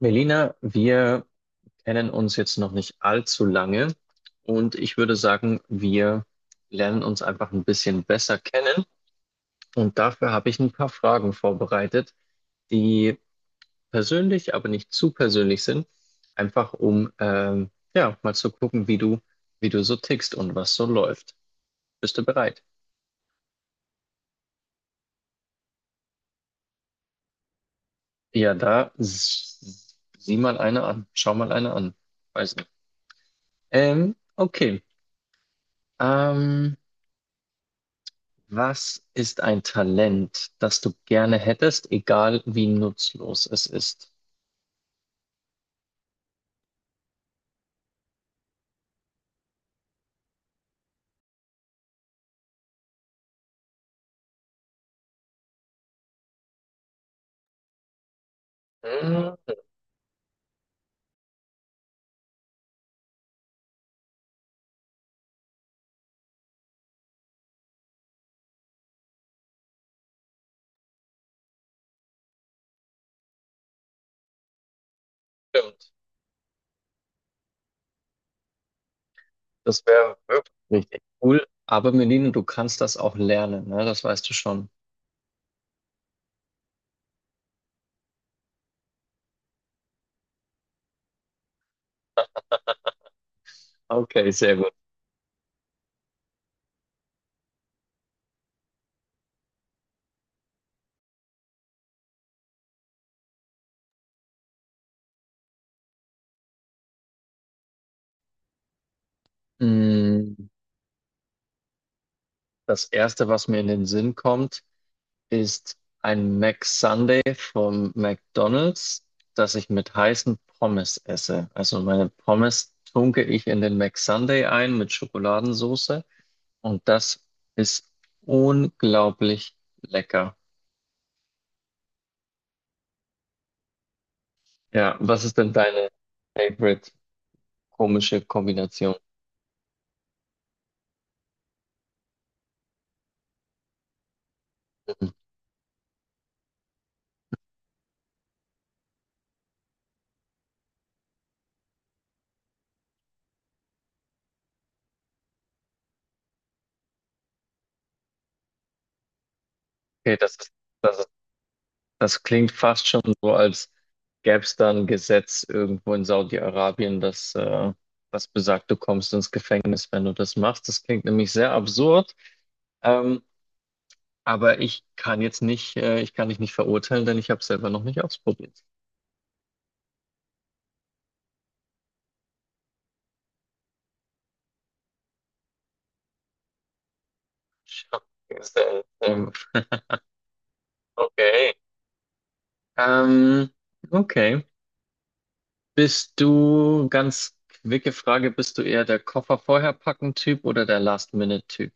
Melina, wir kennen uns jetzt noch nicht allzu lange und ich würde sagen, wir lernen uns einfach ein bisschen besser kennen. Und dafür habe ich ein paar Fragen vorbereitet, die persönlich, aber nicht zu persönlich sind, einfach um ja mal zu gucken, wie du so tickst und was so läuft. Bist du bereit? Ja, da sieh mal eine an, schau mal eine an. Weiß nicht. Okay. Ähm, Was ist ein Talent, das du gerne hättest, egal wie nutzlos es ist? Hm, stimmt. Das wäre wirklich richtig cool. Aber Melina, du kannst das auch lernen, ne? Das weißt du schon. Okay, sehr gut. Hm, das erste, was mir in den Sinn kommt, ist ein Mac Sunday vom McDonald's, das ich mit heißen Pommes esse. Also meine Pommes tunke ich in den Mac Sunday ein mit Schokoladensauce. Und das ist unglaublich lecker. Ja, was ist denn deine favorite komische Kombination? Mhm. Okay, das ist, das ist, das klingt fast schon so, als gäbe es da ein Gesetz irgendwo in Saudi-Arabien, das, das besagt, du kommst ins Gefängnis, wenn du das machst. Das klingt nämlich sehr absurd. Ähm, aber ich kann jetzt nicht, ich kann dich nicht verurteilen, denn ich habe es selber noch nicht ausprobiert. Schockgesell. Okay. Ähm, okay. Bist du, ganz quicke Frage, bist du eher der Koffer vorher packen Typ oder der Last-Minute-Typ?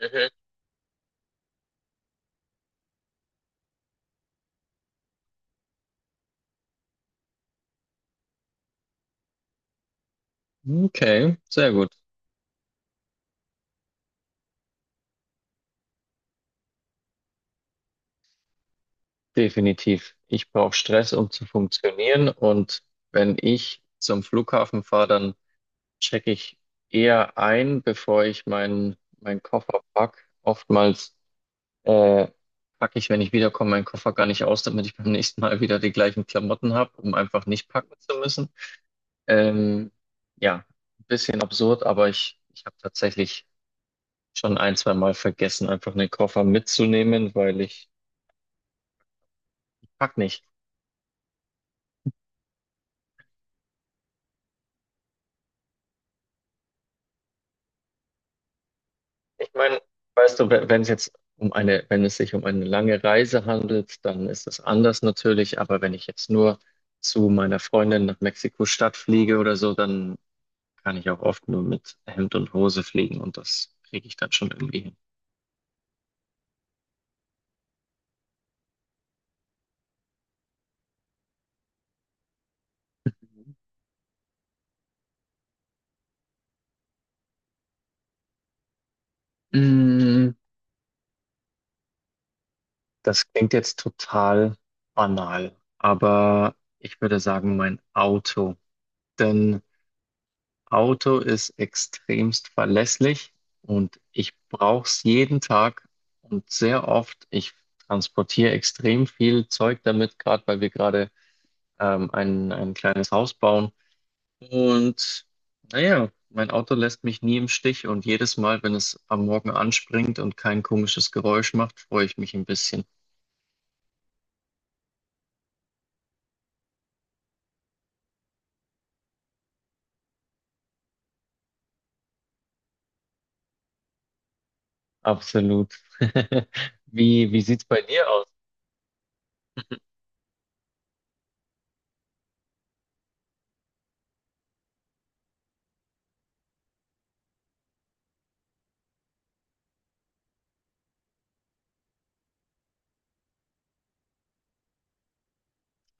Mhm. Okay, sehr gut. Definitiv. Ich brauche Stress, um zu funktionieren. Und wenn ich zum Flughafen fahre, dann checke ich eher ein, bevor ich meinen Koffer pack. Oftmals äh, packe ich, wenn ich wiederkomme, meinen Koffer gar nicht aus, damit ich beim nächsten Mal wieder die gleichen Klamotten habe, um einfach nicht packen zu müssen. Ähm, ja, ein bisschen absurd, aber ich habe tatsächlich schon ein, zwei Mal vergessen, einfach einen Koffer mitzunehmen, weil ich pack nicht. Ich meine, weißt du, wenn es jetzt um eine, wenn es sich um eine lange Reise handelt, dann ist das anders natürlich, aber wenn ich jetzt nur zu meiner Freundin nach Mexiko-Stadt fliege oder so, dann kann ich auch oft nur mit Hemd und Hose fliegen und das kriege ich dann schon irgendwie hin. Mm, das klingt jetzt total banal, aber ich würde sagen, mein Auto. Denn Auto ist extremst verlässlich und ich brauche es jeden Tag und sehr oft. Ich transportiere extrem viel Zeug damit, gerade weil wir gerade ein kleines Haus bauen. Und naja, mein Auto lässt mich nie im Stich und jedes Mal, wenn es am Morgen anspringt und kein komisches Geräusch macht, freue ich mich ein bisschen. Absolut. Wie, wie sieht's bei dir aus?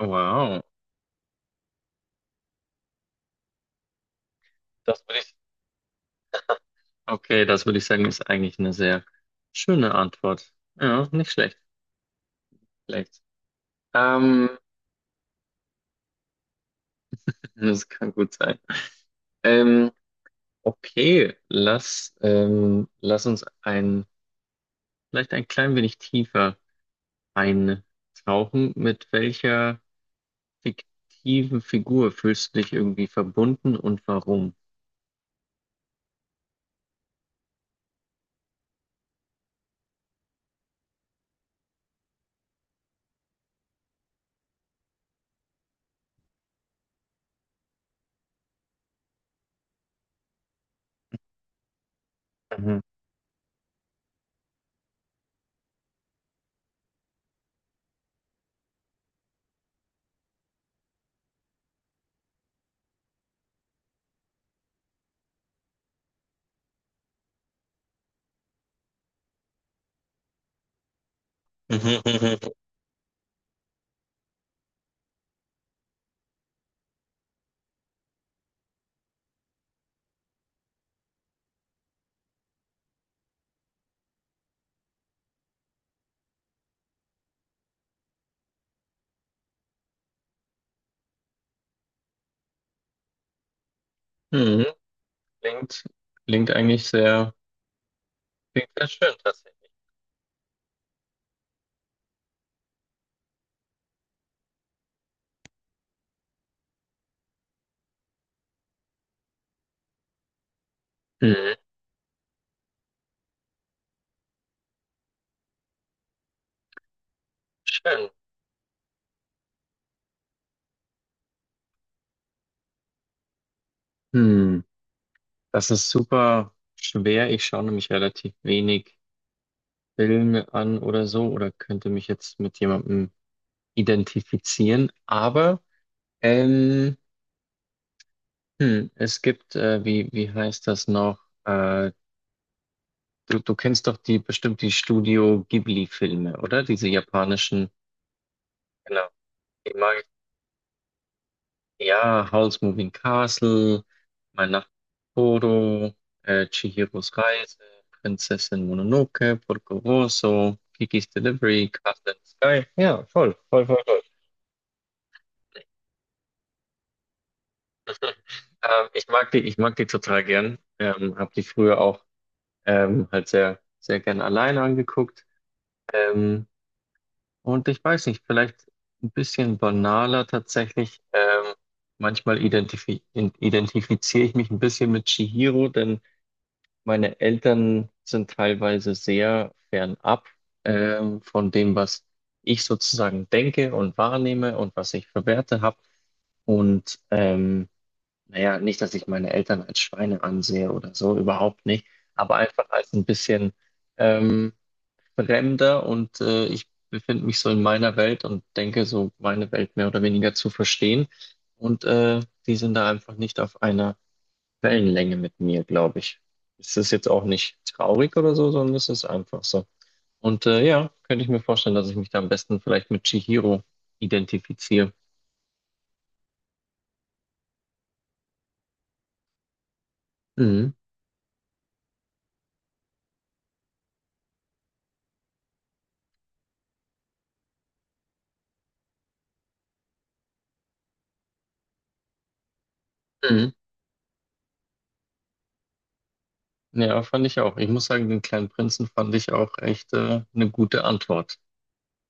Wow, das würde ich, okay, das würde ich sagen, ist eigentlich eine sehr schöne Antwort. Ja, nicht schlecht, vielleicht. Ähm, das kann gut sein. Ähm, okay, lass uns vielleicht ein klein wenig tiefer eintauchen. Mit welcher fiktiven Figur fühlst du dich irgendwie verbunden und warum? Mhm. Klingt, klingt eigentlich sehr, klingt sehr schön tatsächlich. Mhm. Schön. Hm. Das ist super schwer. Ich schaue nämlich relativ wenig Filme an oder so oder könnte mich jetzt mit jemandem identifizieren. Aber ähm, es gibt, wie, wie heißt das noch? Äh, du, du kennst doch die bestimmt die Studio Ghibli-Filme, oder? Diese japanischen. Genau. Die mag, ja, Howl's Moving Castle, Mein Nachbar Totoro, Chihiros Reise, Prinzessin Mononoke, Porco Rosso, Kiki's Delivery, Castle in the Sky. Ja, voll, voll, voll, voll. Ich mag die total gern. Hab die früher auch halt sehr, sehr gern alleine angeguckt. Ähm, und ich weiß nicht, vielleicht ein bisschen banaler tatsächlich. Manchmal identifiziere ich mich ein bisschen mit Chihiro, denn meine Eltern sind teilweise sehr fernab von dem, was ich sozusagen denke und wahrnehme und was ich für Werte habe. Und naja, nicht, dass ich meine Eltern als Schweine ansehe oder so, überhaupt nicht, aber einfach als ein bisschen ähm, fremder und ich befinde mich so in meiner Welt und denke so meine Welt mehr oder weniger zu verstehen. Und die sind da einfach nicht auf einer Wellenlänge mit mir, glaube ich. Es ist jetzt auch nicht traurig oder so, sondern es ist einfach so. Und ja, könnte ich mir vorstellen, dass ich mich da am besten vielleicht mit Chihiro identifiziere. Mhm. Mhm. Ja, fand ich auch. Ich muss sagen, den kleinen Prinzen fand ich auch echt eine gute Antwort.